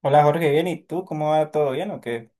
Hola Jorge, bien, ¿y tú cómo va? ¿Todo bien o qué?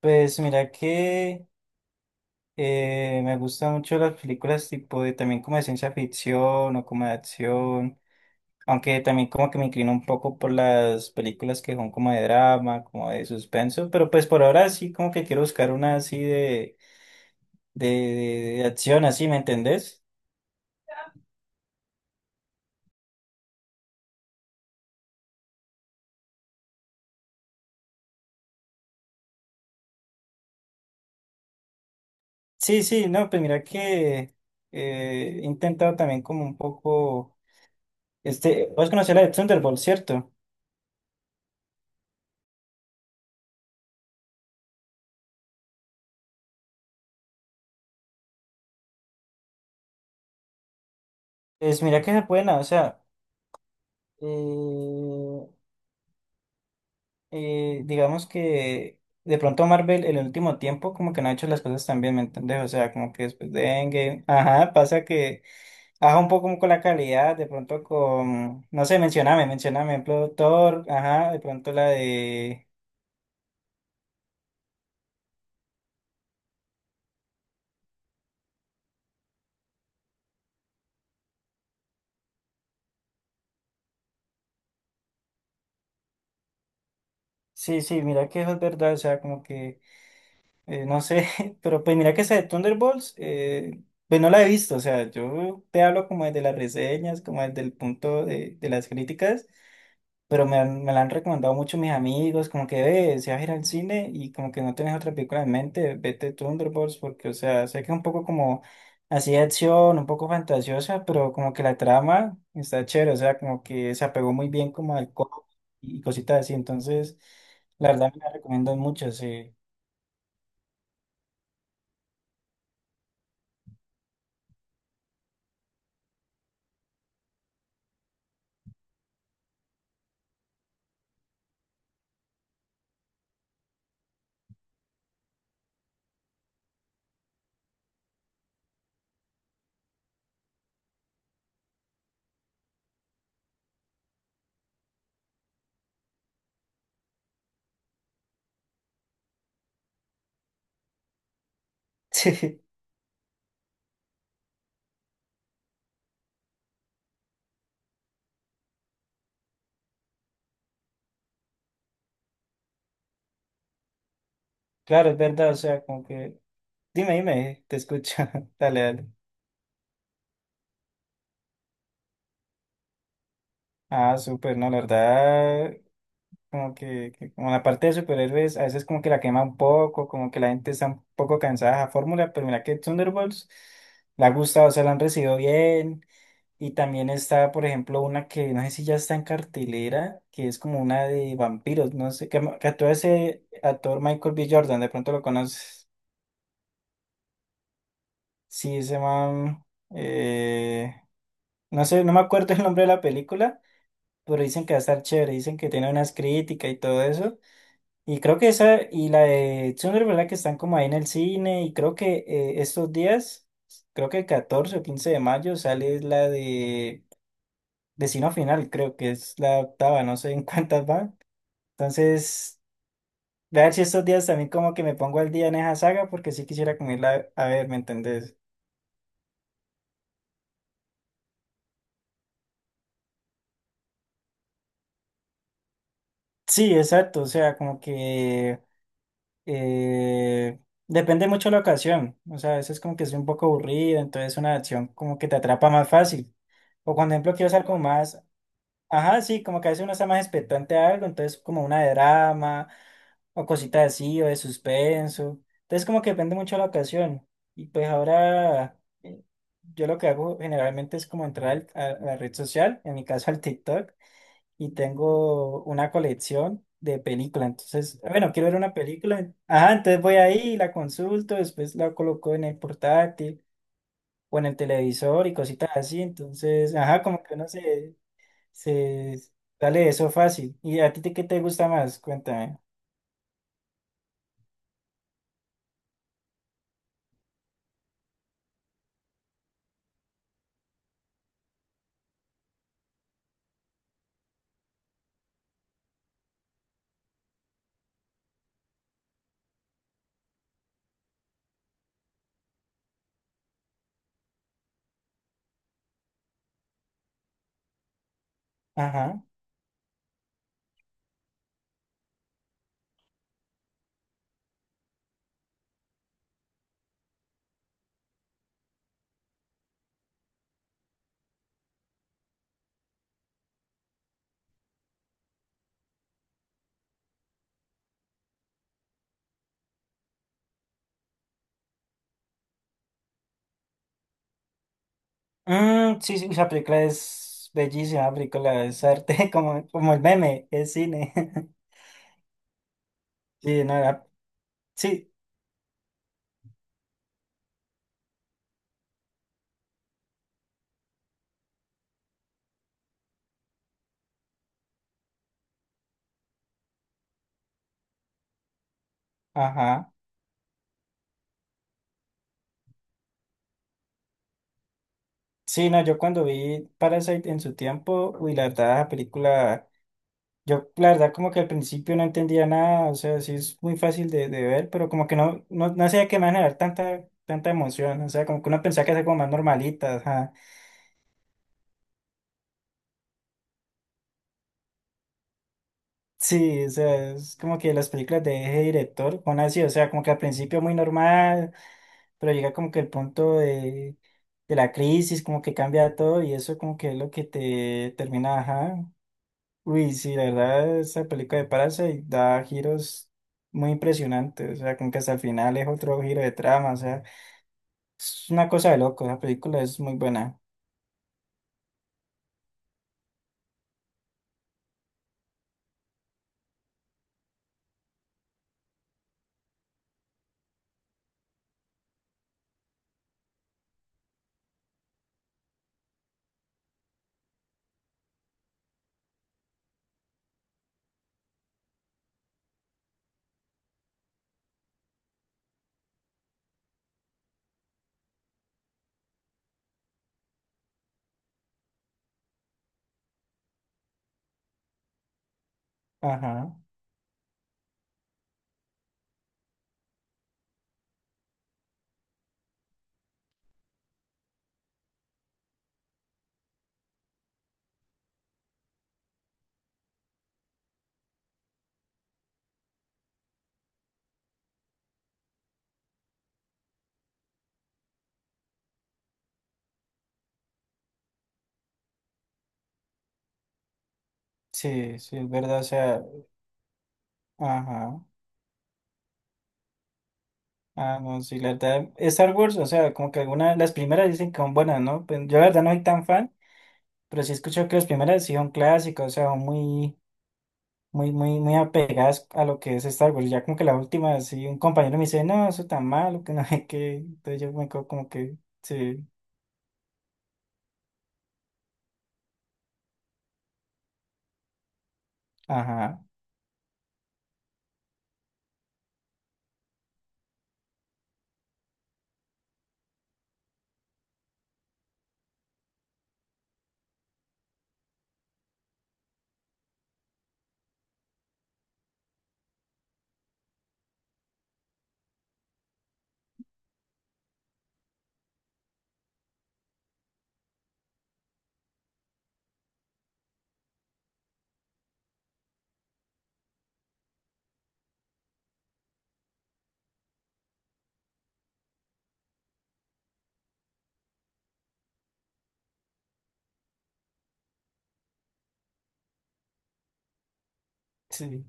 Pues mira que me gustan mucho las películas tipo de también como de ciencia ficción o como de acción, aunque también como que me inclino un poco por las películas que son como de drama, como de suspenso, pero pues por ahora sí como que quiero buscar una así de, de acción, así, ¿me entendés? Sí, sí, no, pues mira que he intentado también como un poco, este, vos conocés la de Thunderbolt, ¿cierto? Pues mira que es buena, o sea... Eh, digamos que de pronto Marvel en el último tiempo como que no ha hecho las cosas tan bien, ¿me entendés? O sea, como que después de Endgame, ajá, pasa que baja un poco como con la calidad, de pronto con, no sé, mencioname, mencioname, ejemplo, Thor, ajá, de pronto la de... Sí, sí, mira que eso es verdad, o sea, como que, no sé, pero pues mira que esa de Thunderbolts, pues no la he visto, o sea, yo te hablo como desde las reseñas, como desde el punto de las críticas. Pero me la han recomendado mucho mis amigos, como que, ve, si vas a ir al cine y como que no tienes otra película en mente, vete Thunderbolts, porque, o sea, sé que es un poco como así de acción, un poco fantasiosa, pero como que la trama está chévere, o sea, como que se apegó muy bien como al cómic y cositas así, entonces, la verdad me la recomiendo mucho, sí. Sí, claro, es verdad, o sea, como que, dime, dime, te escucho, dale, dale. Ah, súper, no, la verdad, como que como la parte de superhéroes a veces como que la quema un poco, como que la gente está un poco cansada de la fórmula, pero mira que Thunderbolts la ha gustado, o sea, la han recibido bien. Y también está, por ejemplo, una que no sé si ya está en cartelera, que es como una de vampiros, no sé, que actúa ese actor Michael B. Jordan, de pronto lo conoces. Sí, ese man, eh, no sé, no me acuerdo el nombre de la película, pero dicen que va a estar chévere, dicen que tiene unas críticas y todo eso. Y creo que esa y la de Tsundere, ¿verdad? Que están como ahí en el cine. Y creo que estos días, creo que el 14 o 15 de mayo sale la de Destino Final, creo que es la octava, no sé en cuántas van. Entonces, voy a ver si estos días también como que me pongo al día en esa saga, porque sí quisiera como irla a ver, ¿me entendés? Sí, exacto, o sea, como que eh, depende mucho la ocasión. O sea, a veces como que soy un poco aburrido, entonces una acción como que te atrapa más fácil. O cuando, por ejemplo, quiero ser como más... Ajá, sí, como que a veces uno está más expectante a algo, entonces como una de drama o cositas así o de suspenso. Entonces como que depende mucho de la ocasión. Y pues ahora yo lo que hago generalmente es como entrar a la red social, en mi caso al TikTok, y tengo una colección de películas. Entonces, bueno, quiero ver una película. Ajá, entonces voy ahí, y la consulto, después la coloco en el portátil o en el televisor y cositas así. Entonces, ajá, como que uno se... Se... Dale, eso fácil. ¿Y a ti qué te gusta más? Cuéntame. Ajá. Mm, sí, sí, esa película es bellísima, la película es arte, como, como el meme, es cine. Sí, no, sí, ajá. Sí, no, yo cuando vi Parasite en su tiempo, uy, la verdad, la película, yo la verdad como que al principio no entendía nada, o sea, sí es muy fácil de ver, pero como que no, no, no sabía que me iba a generar tanta, tanta emoción, o sea, como que uno pensaba que era como más normalita, ajá. Sí, o sea, es como que las películas de ese director son así, o sea, como que al principio muy normal, pero llega como que el punto de la crisis, como que cambia todo y eso como que es lo que te termina, ajá. Uy, sí, la verdad, esa película de Parasite da giros muy impresionantes, o sea, como que hasta el final es otro giro de trama, o sea, es una cosa de loco, esa película es muy buena. Ajá, sí, sí, es verdad, o sea, ajá. Ah, no, sí, la verdad, Star Wars, o sea, como que algunas, las primeras dicen que son buenas, ¿no? Pues yo la verdad no soy tan fan, pero sí escucho que las primeras sí son clásicas, o sea, son muy, muy, muy, muy apegadas a lo que es Star Wars. Ya como que la última, sí, un compañero me dice, no, eso tan malo, que no hay que, entonces yo me quedo como que, sí, ajá, sí.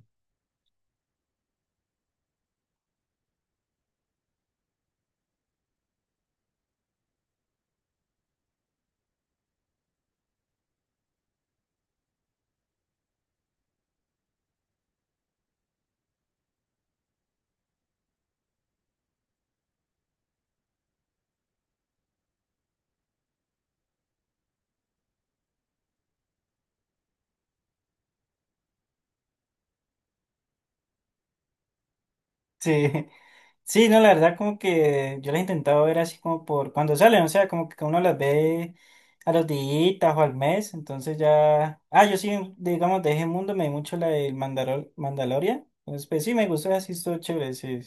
Sí, sí, no, la verdad como que yo las he intentado ver así como por cuando salen, o sea, como que uno las ve a los días o al mes, entonces ya... Ah, yo sí, digamos, de ese mundo me vi mucho la del mandaloria, entonces pues sí, me gustó, así estuvo chévere, sí.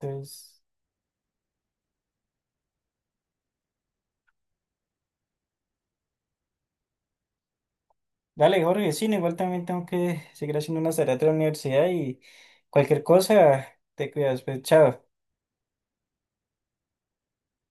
Entonces, dale, Jorge, sí, no, igual también tengo que seguir haciendo unas tareas de la universidad y cualquier cosa, te cuidas, pues chao.